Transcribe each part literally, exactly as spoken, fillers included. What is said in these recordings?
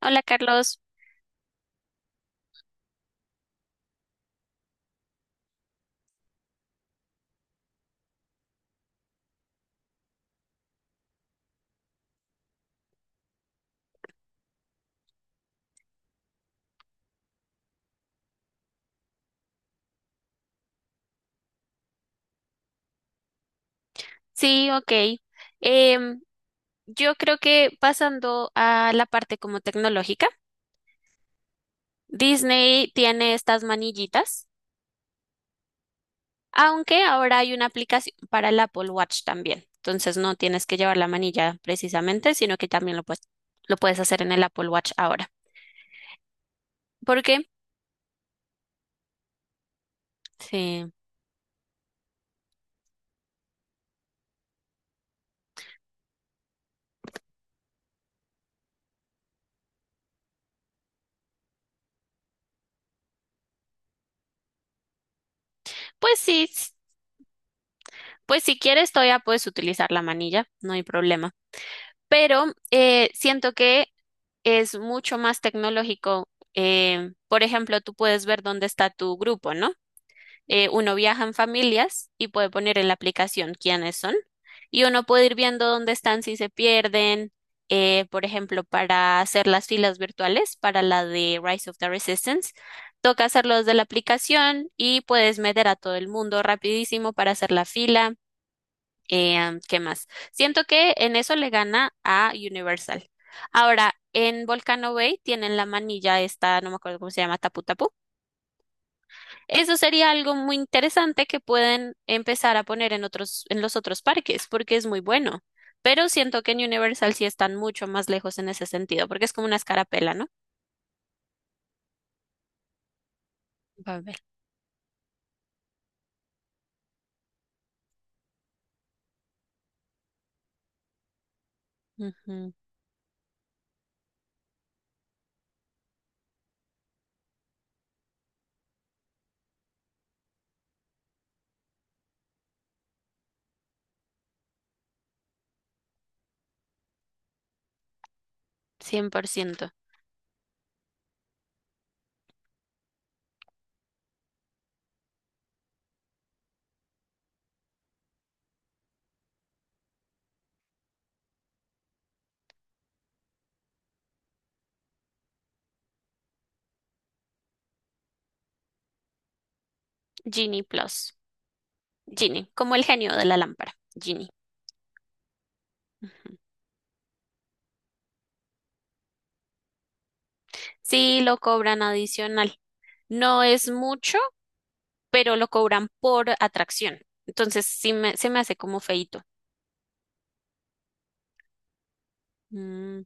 Hola Carlos, sí, ok. Em, yo creo que pasando a la parte como tecnológica, Disney tiene estas manillitas, aunque ahora hay una aplicación para el Apple Watch también. Entonces no tienes que llevar la manilla precisamente, sino que también lo puedes, lo puedes hacer en el Apple Watch ahora. ¿Por qué? Sí. Pues sí, s- pues si quieres todavía puedes utilizar la manilla, no hay problema. Pero eh, siento que es mucho más tecnológico. eh, por ejemplo, tú puedes ver dónde está tu grupo, ¿no? Eh, uno viaja en familias y puede poner en la aplicación quiénes son y uno puede ir viendo dónde están si se pierden. eh, por ejemplo, para hacer las filas virtuales, para la de Rise of the Resistance, toca hacerlo desde la aplicación y puedes meter a todo el mundo rapidísimo para hacer la fila. Em, ¿qué más? Siento que en eso le gana a Universal. Ahora, en Volcano Bay tienen la manilla esta, no me acuerdo cómo se llama, tapu tapu. Eso sería algo muy interesante que pueden empezar a poner en otros, en los otros parques, porque es muy bueno. Pero siento que en Universal sí están mucho más lejos en ese sentido, porque es como una escarapela, ¿no? Va a ver. Ujú, cien por ciento. Genie Plus. Genie, como el genio de la lámpara. Genie. Ujú. Sí, lo cobran adicional. No es mucho, pero lo cobran por atracción. Entonces sí me, se me hace como feíto. Mm,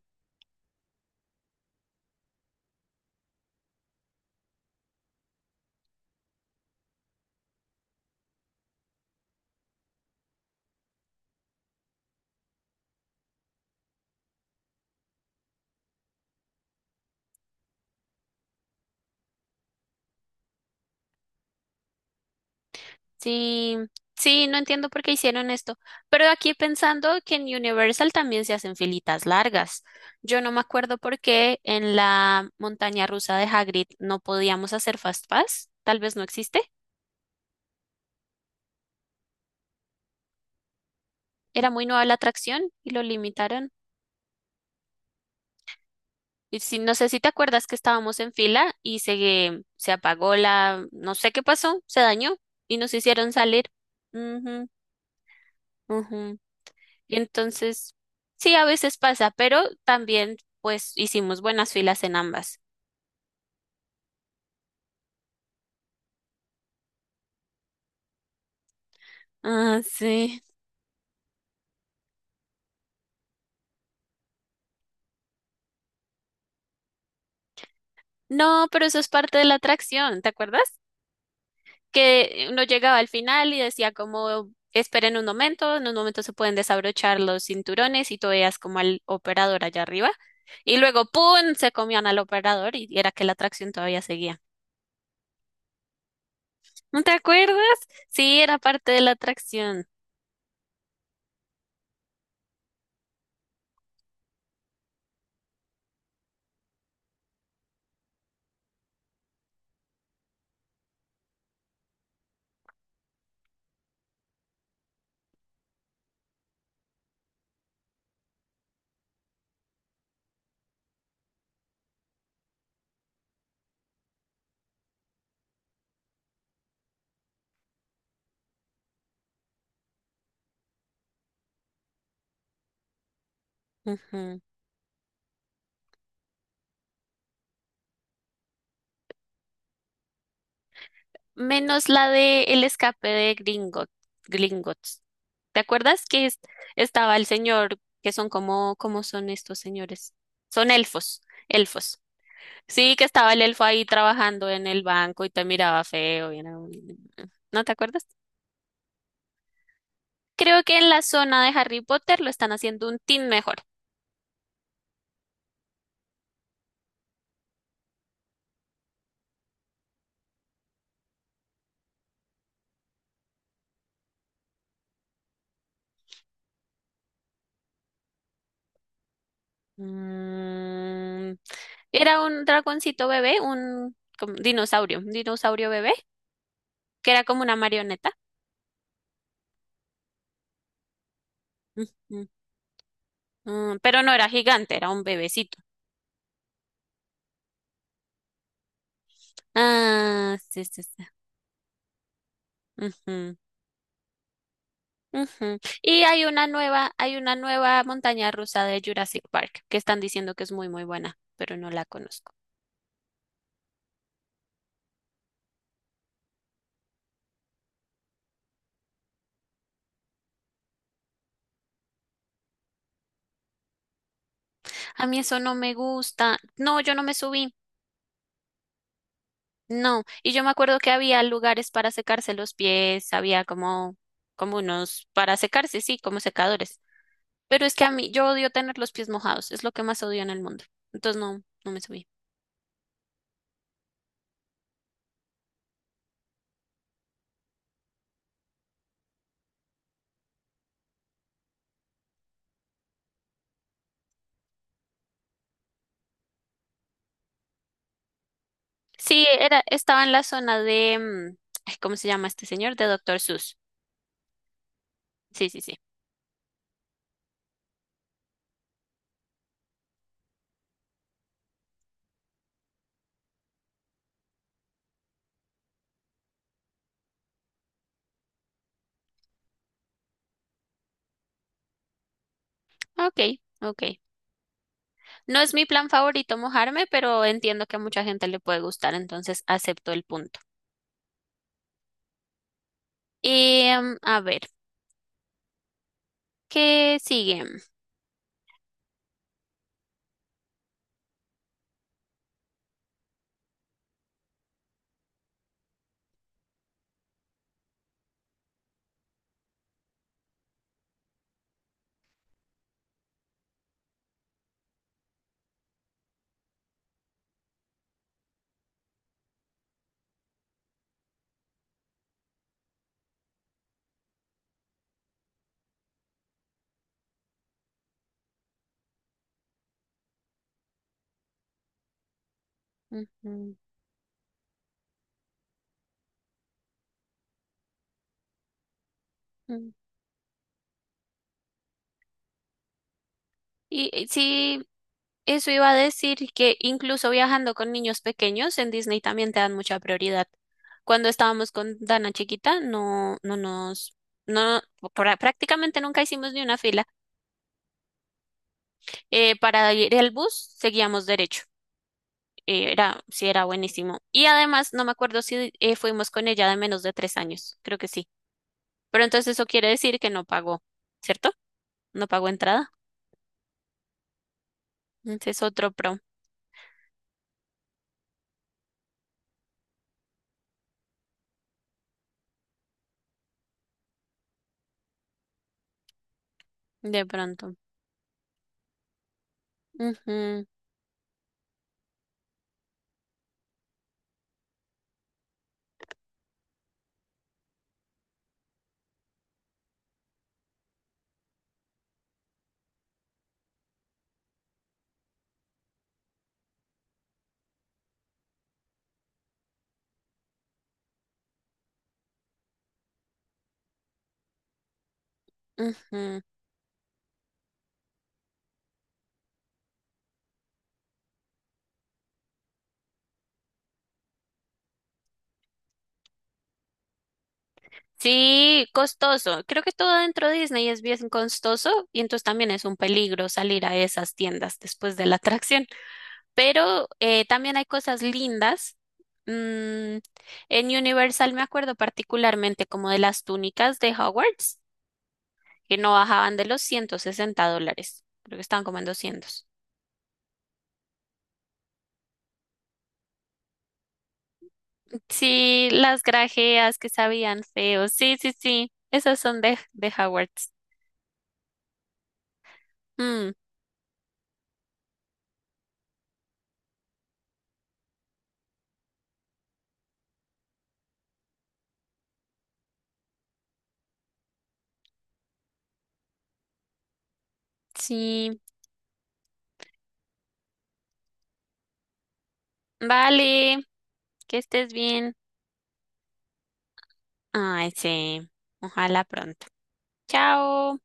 sí, sí, no entiendo por qué hicieron esto. Pero aquí pensando que en Universal también se hacen filitas largas. Yo no me acuerdo por qué en la montaña rusa de Hagrid no podíamos hacer Fast Pass. Tal vez no existe. Era muy nueva la atracción y lo limitaron. Y si, no sé si te acuerdas que estábamos en fila y se, se apagó la, no sé qué pasó, se dañó y nos hicieron salir. Ujú, ujú. Y entonces, sí, a veces pasa, pero también pues hicimos buenas filas en ambas. Ah, sí. No, pero eso es parte de la atracción, ¿te acuerdas? Que uno llegaba al final y decía como esperen un momento, en un momento se pueden desabrochar los cinturones y tú veías como al operador allá arriba. Y luego, ¡pum!, se comían al operador y era que la atracción todavía seguía. ¿No te acuerdas? Sí, era parte de la atracción. Ujú. Menos la de el escape de Gringot, Gringotts. ¿Te acuerdas que es- estaba el señor, que son como, ¿cómo son estos señores? Son elfos, elfos. Sí, que estaba el elfo ahí trabajando en el banco y te miraba feo. y era un- ¿No te acuerdas? Creo que en la zona de Harry Potter lo están haciendo un tin mejor. Mm, era un dragoncito bebé, un como dinosaurio, un dinosaurio bebé, que era como una marioneta. Ujú, mm, pero no era gigante, era un bebecito. Ah, sí, sí, sí. Ujú, ujú. Y hay una nueva, hay una nueva montaña rusa de Jurassic Park que están diciendo que es muy, muy buena, pero no la conozco. A mí eso no me gusta. No, yo no me subí. No. Y yo me acuerdo que había lugares para secarse los pies, había como, como unos para secarse, sí, como secadores. Pero es que a mí, yo odio tener los pies mojados, es lo que más odio en el mundo. Entonces no, no me subí. Sí, era, estaba en la zona de, mm, ay, ¿cómo se llama este señor? De Doctor Seuss. Sí, sí, sí. Ok, ok. No es mi plan favorito mojarme, pero entiendo que a mucha gente le puede gustar, entonces acepto el punto. Y, em, a ver, ¿qué sigue? Ujú, ujú. Y eh, sí, eso iba a decir que incluso viajando con niños pequeños en Disney también te dan mucha prioridad. Cuando estábamos con Dana chiquita, no, no nos, no, pra- prácticamente nunca hicimos ni una fila. Eh, para ir al bus seguíamos derecho. Eh, era, sí, era buenísimo. Y además, no me acuerdo si eh, fuimos con ella de menos de tres años, creo que sí. Pero entonces eso quiere decir que no pagó, ¿cierto? No pagó entrada. Ese es otro pro, de pronto. Ujú. Ujú. Sí, costoso. Creo que todo dentro de Disney es bien costoso y entonces también es un peligro salir a esas tiendas después de la atracción. Pero eh, también hay cosas lindas. Mm, en Universal me acuerdo particularmente como de las túnicas de Hogwarts, que no bajaban de los ciento sesenta dólares. Creo que estaban como en doscientos. Sí, las grajeas que sabían feos. Sí, sí, sí. Esas son de, de Hogwarts. Mm, sí. Vale. Que estés bien. Ay, sí. Ojalá pronto. Chao.